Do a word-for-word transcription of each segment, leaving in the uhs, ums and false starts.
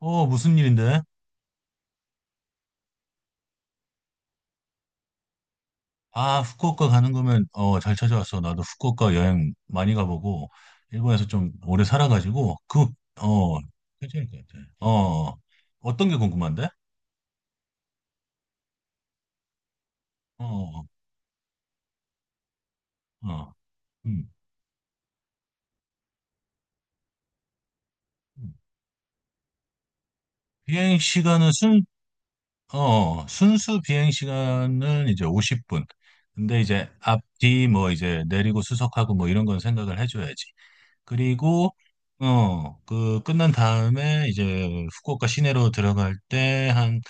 어, 무슨 일인데? 아, 후쿠오카 가는 거면, 어, 잘 찾아왔어. 나도 후쿠오카 여행 많이 가보고, 일본에서 좀 오래 살아가지고, 그, 어, 괜찮을 것 같아. 어, 어떤 게 궁금한데? 어, 어, 어. 음. 음. 비행 시간은 순, 어, 어, 순수 비행 시간은 이제 오십 분. 근데 이제 앞뒤 뭐 이제 내리고 수속하고 뭐 이런 건 생각을 해줘야지. 그리고 어, 그 끝난 다음에 이제 후쿠오카 시내로 들어갈 때 한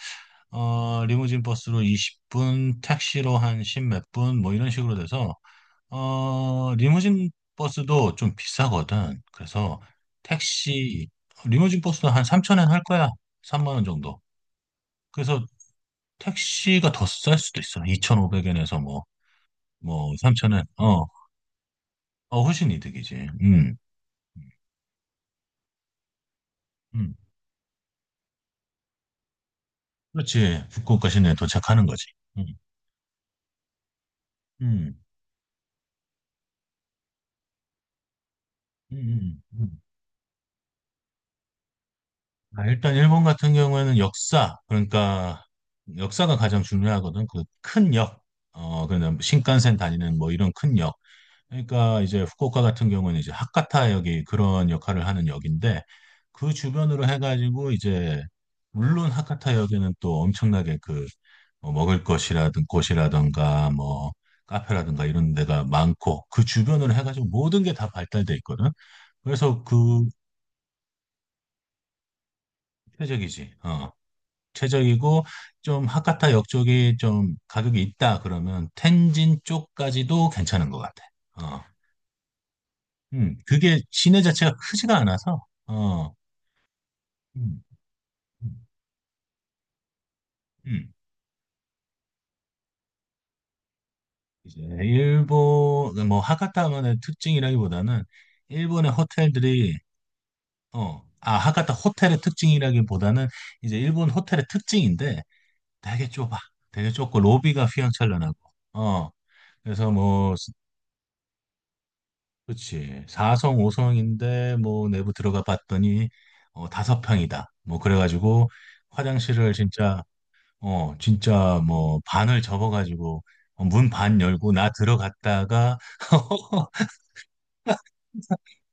어, 리무진 버스로 이십 분, 택시로 한 십 몇 분 뭐 이런 식으로 돼서 어, 리무진 버스도 좀 비싸거든. 그래서 택시 리무진 버스도 한 삼천 엔 할 거야. 삼만 원 정도. 그래서 택시가 더 쌀 수도 있어. 이천오백 엔에서 뭐, 뭐, 삼천 엔. 어, 어, 훨씬 이득이지. 음, 음. 그렇지. 북극과 시내에 도착하는 거지. 음, 음, 음, 음. 음. 아, 일단 일본 같은 경우에는 역사, 그러니까 역사가 가장 중요하거든. 그 큰 역, 어, 그냥 신칸센 다니는 뭐 이런 큰 역. 그러니까 이제 후쿠오카 같은 경우는 이제 하카타 역이 그런 역할을 하는 역인데 그 주변으로 해가지고 이제 물론 하카타 역에는 또 엄청나게 그뭐 먹을 것이라든 곳이라든가 뭐 카페라든가 이런 데가 많고 그 주변으로 해가지고 모든 게 다 발달돼 있거든. 그래서 그 최적이지. 어. 최적이고 좀 하카타 역 쪽이 좀 가격이 있다 그러면 텐진 쪽까지도 괜찮은 것 같아. 어. 음, 그게 시내 자체가 크지가 않아서. 어, 음, 음, 음. 이제 일본, 뭐, 하카타만의 특징이라기보다는, 일본의 호텔들이, 어, 아, 하카타 호텔의 특징이라기보다는, 이제 일본 호텔의 특징인데, 되게 좁아. 되게 좁고, 로비가 휘황찬란하고, 어, 그래서 뭐, 그치, 사 성, 오 성인데, 뭐, 내부 들어가 봤더니, 어, 오 평이다. 뭐, 그래가지고, 화장실을 진짜, 어, 진짜 뭐 반을 접어가지고 어, 문반 열고 나 들어갔다가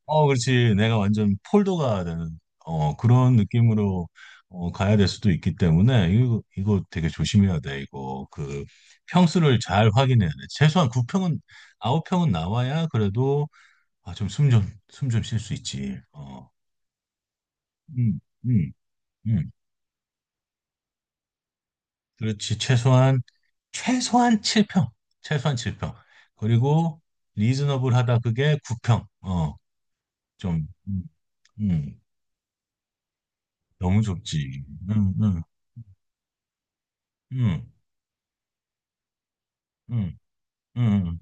어, 그렇지. 내가 완전 폴더가 되는 어, 그런 느낌으로 어, 가야 될 수도 있기 때문에 이거 이거 되게 조심해야 돼. 이거 그 평수를 잘 확인해야 돼. 최소한 구 평은 구 평은 나와야 그래도 아, 좀 숨 좀 숨 좀 쉴 수 있지. 어. 음. 음. 음. 그렇지. 최소한, 최소한 칠 평. 최소한 칠 평. 그리고 리즈너블하다 그게 구 평. 어, 좀, 음, 음, 너무 좁지. 음, 음, 음, 음, 음.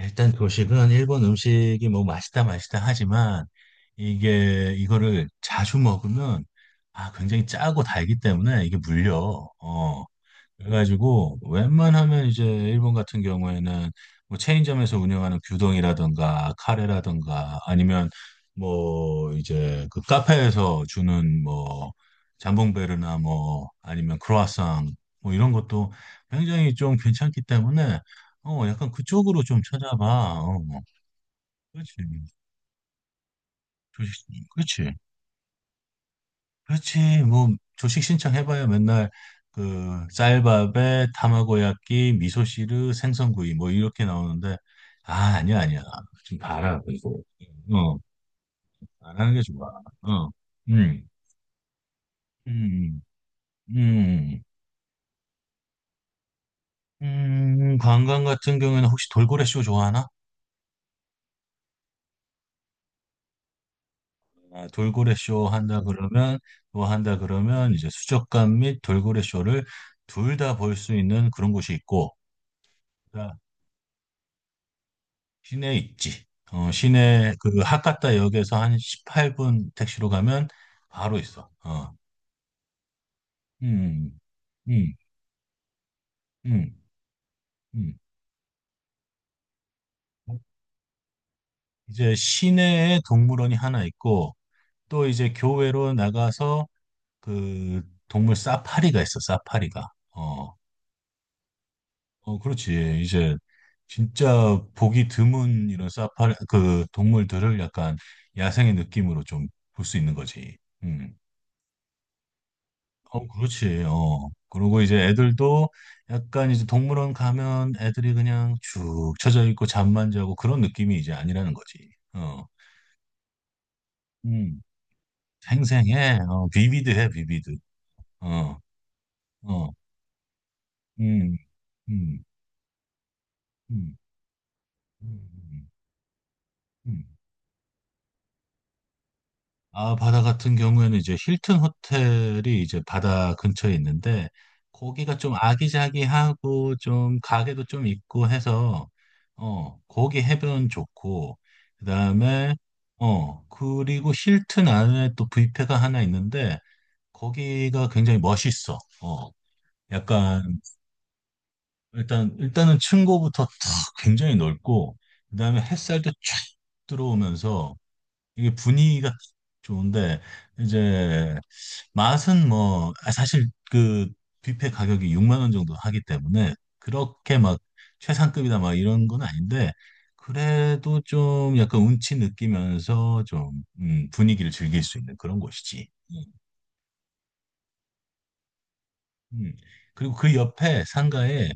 일단 도식은 일본 음식이 뭐 맛있다 맛있다 하지만 이게, 이거를 자주 먹으면 아, 굉장히 짜고 달기 때문에 이게 물려. 어. 그래가지고 웬만하면 이제 일본 같은 경우에는 뭐 체인점에서 운영하는 규동이라든가 카레라든가 아니면 뭐 이제 그 카페에서 주는 뭐 잠봉베르나 뭐 아니면 크로아상 뭐 이런 것도 굉장히 좀 괜찮기 때문에 어 약간 그쪽으로 좀 찾아봐. 어, 어. 그렇지. 조식, 그렇지. 그렇지. 뭐 조식 신청해봐야 맨날 그 쌀밥에 타마고야끼, 미소시루, 생선구이 뭐 이렇게 나오는데 아, 아니야, 아니야. 지금 봐라 이거. 어, 안 하는 게 좋아. 어, 음, 음, 음, 음. 음, 관광 같은 경우에는 혹시 돌고래 쇼 좋아하나? 아, 돌고래 쇼 한다 그러면 뭐 한다 그러면 이제 수족관 및 돌고래 쇼를 둘 다 볼 수 있는 그런 곳이 있고. 시내에 있지. 어, 시내 그 하카타 역에서 한 십팔 분 택시로 가면 바로 있어. 어. 음, 음, 음, 음. 이제 시내에 동물원이 하나 있고 또 이제 교외로 나가서 그 동물 사파리가 있어. 사파리가. 어, 어, 그렇지. 이제 진짜 보기 드문 이런 사파리 그 동물들을 약간 야생의 느낌으로 좀 볼 수 있는 거지. 음. 어, 그렇지. 어. 그리고 이제 애들도 약간 이제 동물원 가면 애들이 그냥 쭉 처져 있고 잠만 자고 그런 느낌이 이제 아니라는 거지. 어. 음. 생생해. 어, 비비드해, 비비드. 어. 어. 음. 음. 음. 음. 음. 음. 아, 바다 같은 경우에는 이제 힐튼 호텔이 이제 바다 근처에 있는데, 거기가 좀 아기자기하고 좀 가게도 좀 있고 해서, 어, 거기 해변 좋고, 그 다음에, 어, 그리고 힐튼 안에 또 뷔페가 하나 있는데, 거기가 굉장히 멋있어. 어, 약간, 일단, 일단은 층고부터 탁 굉장히 넓고, 그 다음에 햇살도 쫙 들어오면서, 이게 분위기가 좋은데 이제 맛은 뭐 아, 사실 그 뷔페 가격이 육만 원 정도 하기 때문에 그렇게 막 최상급이다 막 이런 건 아닌데 그래도 좀 약간 운치 느끼면서 좀 음, 분위기를 즐길 수 있는 그런 곳이지. 음. 음. 그리고 그 옆에 상가에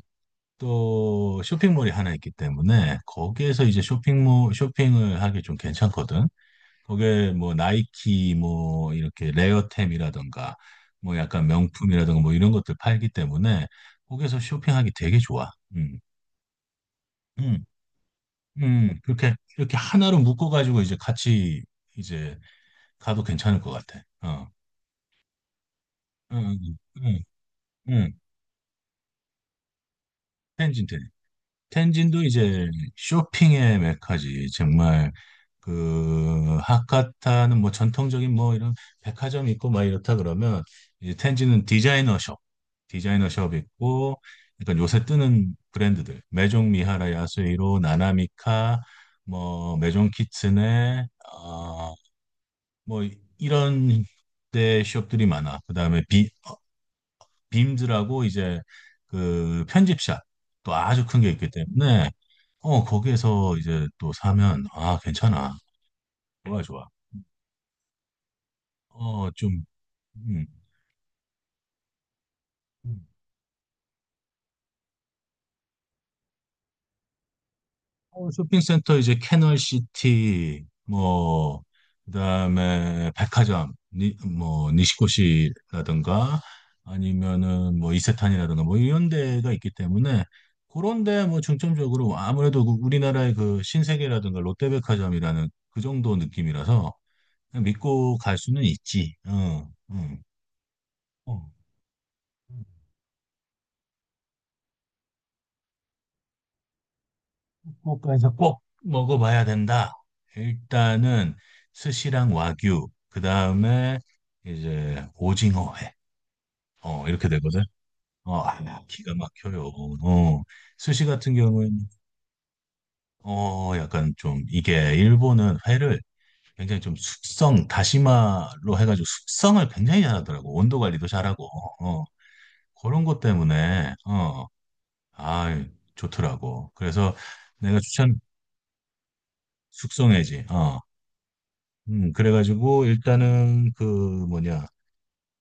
또 쇼핑몰이 하나 있기 때문에 거기에서 이제 쇼핑몰 쇼핑을 하기 좀 괜찮거든. 거기에 뭐 나이키 뭐 이렇게 레어템이라던가 뭐 약간 명품이라던가 뭐 이런 것들 팔기 때문에 거기서 쇼핑하기 되게 좋아. 음. 음. 음. 그렇게 이렇게 하나로 묶어 가지고 이제 같이 이제 가도 괜찮을 것 같아. 어. 응. 응. 응. 텐진 텐 텐진도 이제 쇼핑의 메카지. 정말 그 하카타는 뭐 전통적인 뭐 이런 백화점 있고 막 이렇다 그러면 이제 텐지는 디자이너 숍, 디자이너 숍 있고 약간 요새 뜨는 브랜드들 메종 미하라 야스히로 나나미카 뭐 메종 키츠네 어뭐 이런 데 숍들이 많아. 그다음에 비 어, 빔즈라고 이제 그 편집샵 또 아주 큰 게 있기 때문에 어 거기에서 이제 또 사면 아, 괜찮아. 좋아, 좋아. 어, 좀, 음. 음. 서울 쇼핑센터 이제 캐널시티, 뭐, 그다음에 백화점, 니, 뭐, 니시코시라든가, 아니면은 뭐, 이세탄이라든가, 뭐, 이런 데가 있기 때문에, 그런 데 뭐, 중점적으로 아무래도 그 우리나라의 그 신세계라든가 롯데백화점이라는 그 정도 느낌이라서, 그냥 믿고 갈 수는 있지. 어, 음. 어. 후쿠오카에서 꼭 먹어봐야 된다. 일단은 스시랑 와규, 그 다음에 이제 오징어회. 어, 이렇게 되거든. 어, 아, 기가 막혀요. 어, 스시 같은 경우에는 어, 약간 좀 이게 일본은 회를 굉장히 좀 숙성, 다시마로 해가지고 숙성을 굉장히 잘하더라고. 온도 관리도 잘하고. 어, 그런 것 때문에 어, 아, 좋더라고. 그래서 내가 추천 숙성회지. 어. 음, 그래가지고 일단은 그 뭐냐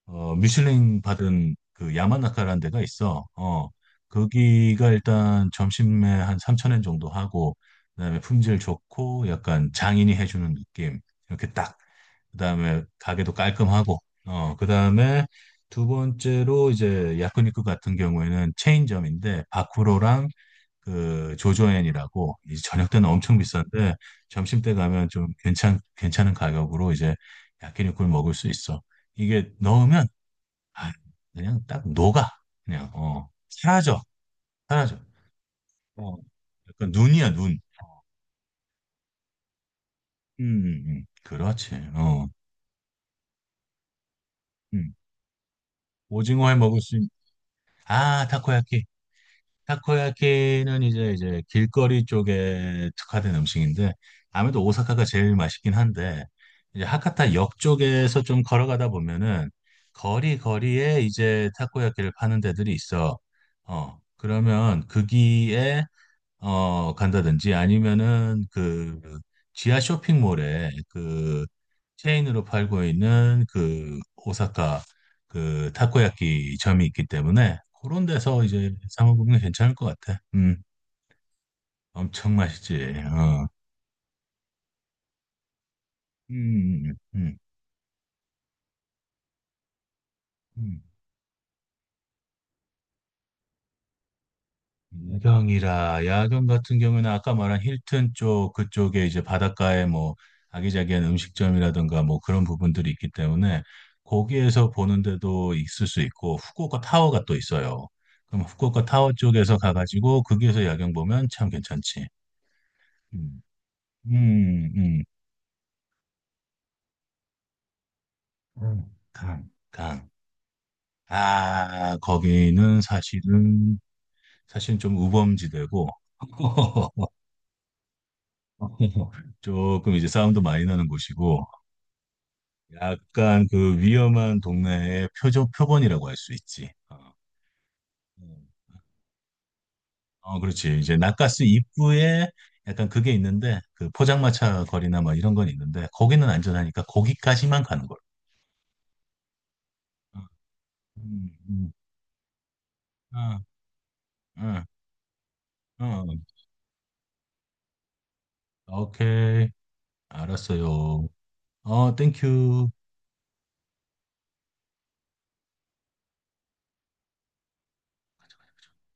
어 미슐랭 받은 그 야마나카라는 데가 있어. 어. 거기가 일단 점심에 한 삼천 엔 정도 하고 그다음에 품질 좋고 약간 장인이 해주는 느낌 이렇게 딱 그다음에 가게도 깔끔하고 어 그다음에 두 번째로 이제 야쿠니쿠 같은 경우에는 체인점인데 바쿠로랑 그 조조엔이라고 이 저녁 때는 엄청 비싼데 점심 때 가면 좀 괜찮 괜찮은 가격으로 이제 야끼니쿠를 먹을 수 있어. 이게 넣으면 아, 그냥 딱 녹아, 그냥 어 사라져, 사라져. 어 약간 눈이야, 눈. 음, 음, 음. 그렇지. 어. 음. 오징어회 먹을 수 있... 아, 타코야끼 타코야키는 이제 이제 길거리 쪽에 특화된 음식인데 아무래도 오사카가 제일 맛있긴 한데 이제 하카타 역 쪽에서 좀 걸어가다 보면은 거리 거리에 이제 타코야키를 파는 데들이 있어. 어 그러면 거기에 어, 간다든지 아니면은 그 지하 쇼핑몰에 그 체인으로 팔고 있는 그 오사카 그 타코야키 점이 있기 때문에 그런 데서 이제 사 먹으면 괜찮을 것 같아. 음, 엄청 맛있지. 어. 음, 음, 음, 음. 야경이라, 야경 같은 경우는 에 아까 말한 힐튼 쪽 그쪽에 이제 바닷가에 뭐 아기자기한 음식점이라든가 뭐 그런 부분들이 있기 때문에 거기에서 보는데도 있을 수 있고 후쿠오카 타워가 또 있어요. 그럼 후쿠오카 타워 쪽에서 가가지고 거기에서 야경 보면 참 괜찮지. 음, 음, 음. 음, 강, 강. 아, 거기는 사실은 사실 좀 우범지대고 조금 이제 싸움도 많이 나는 곳이고 약간 그 위험한 동네의 표적 표본이라고 할 수 있지. 어, 음. 어, 그렇지. 이제 낙가스 입구에 약간 그게 있는데 그 포장마차 거리나 뭐 이런 건 있는데 거기는 안전하니까 거기까지만 가는 걸. 어, 음, 음, 어, 어, 어. 오케이. 알았어요. 어, 땡큐.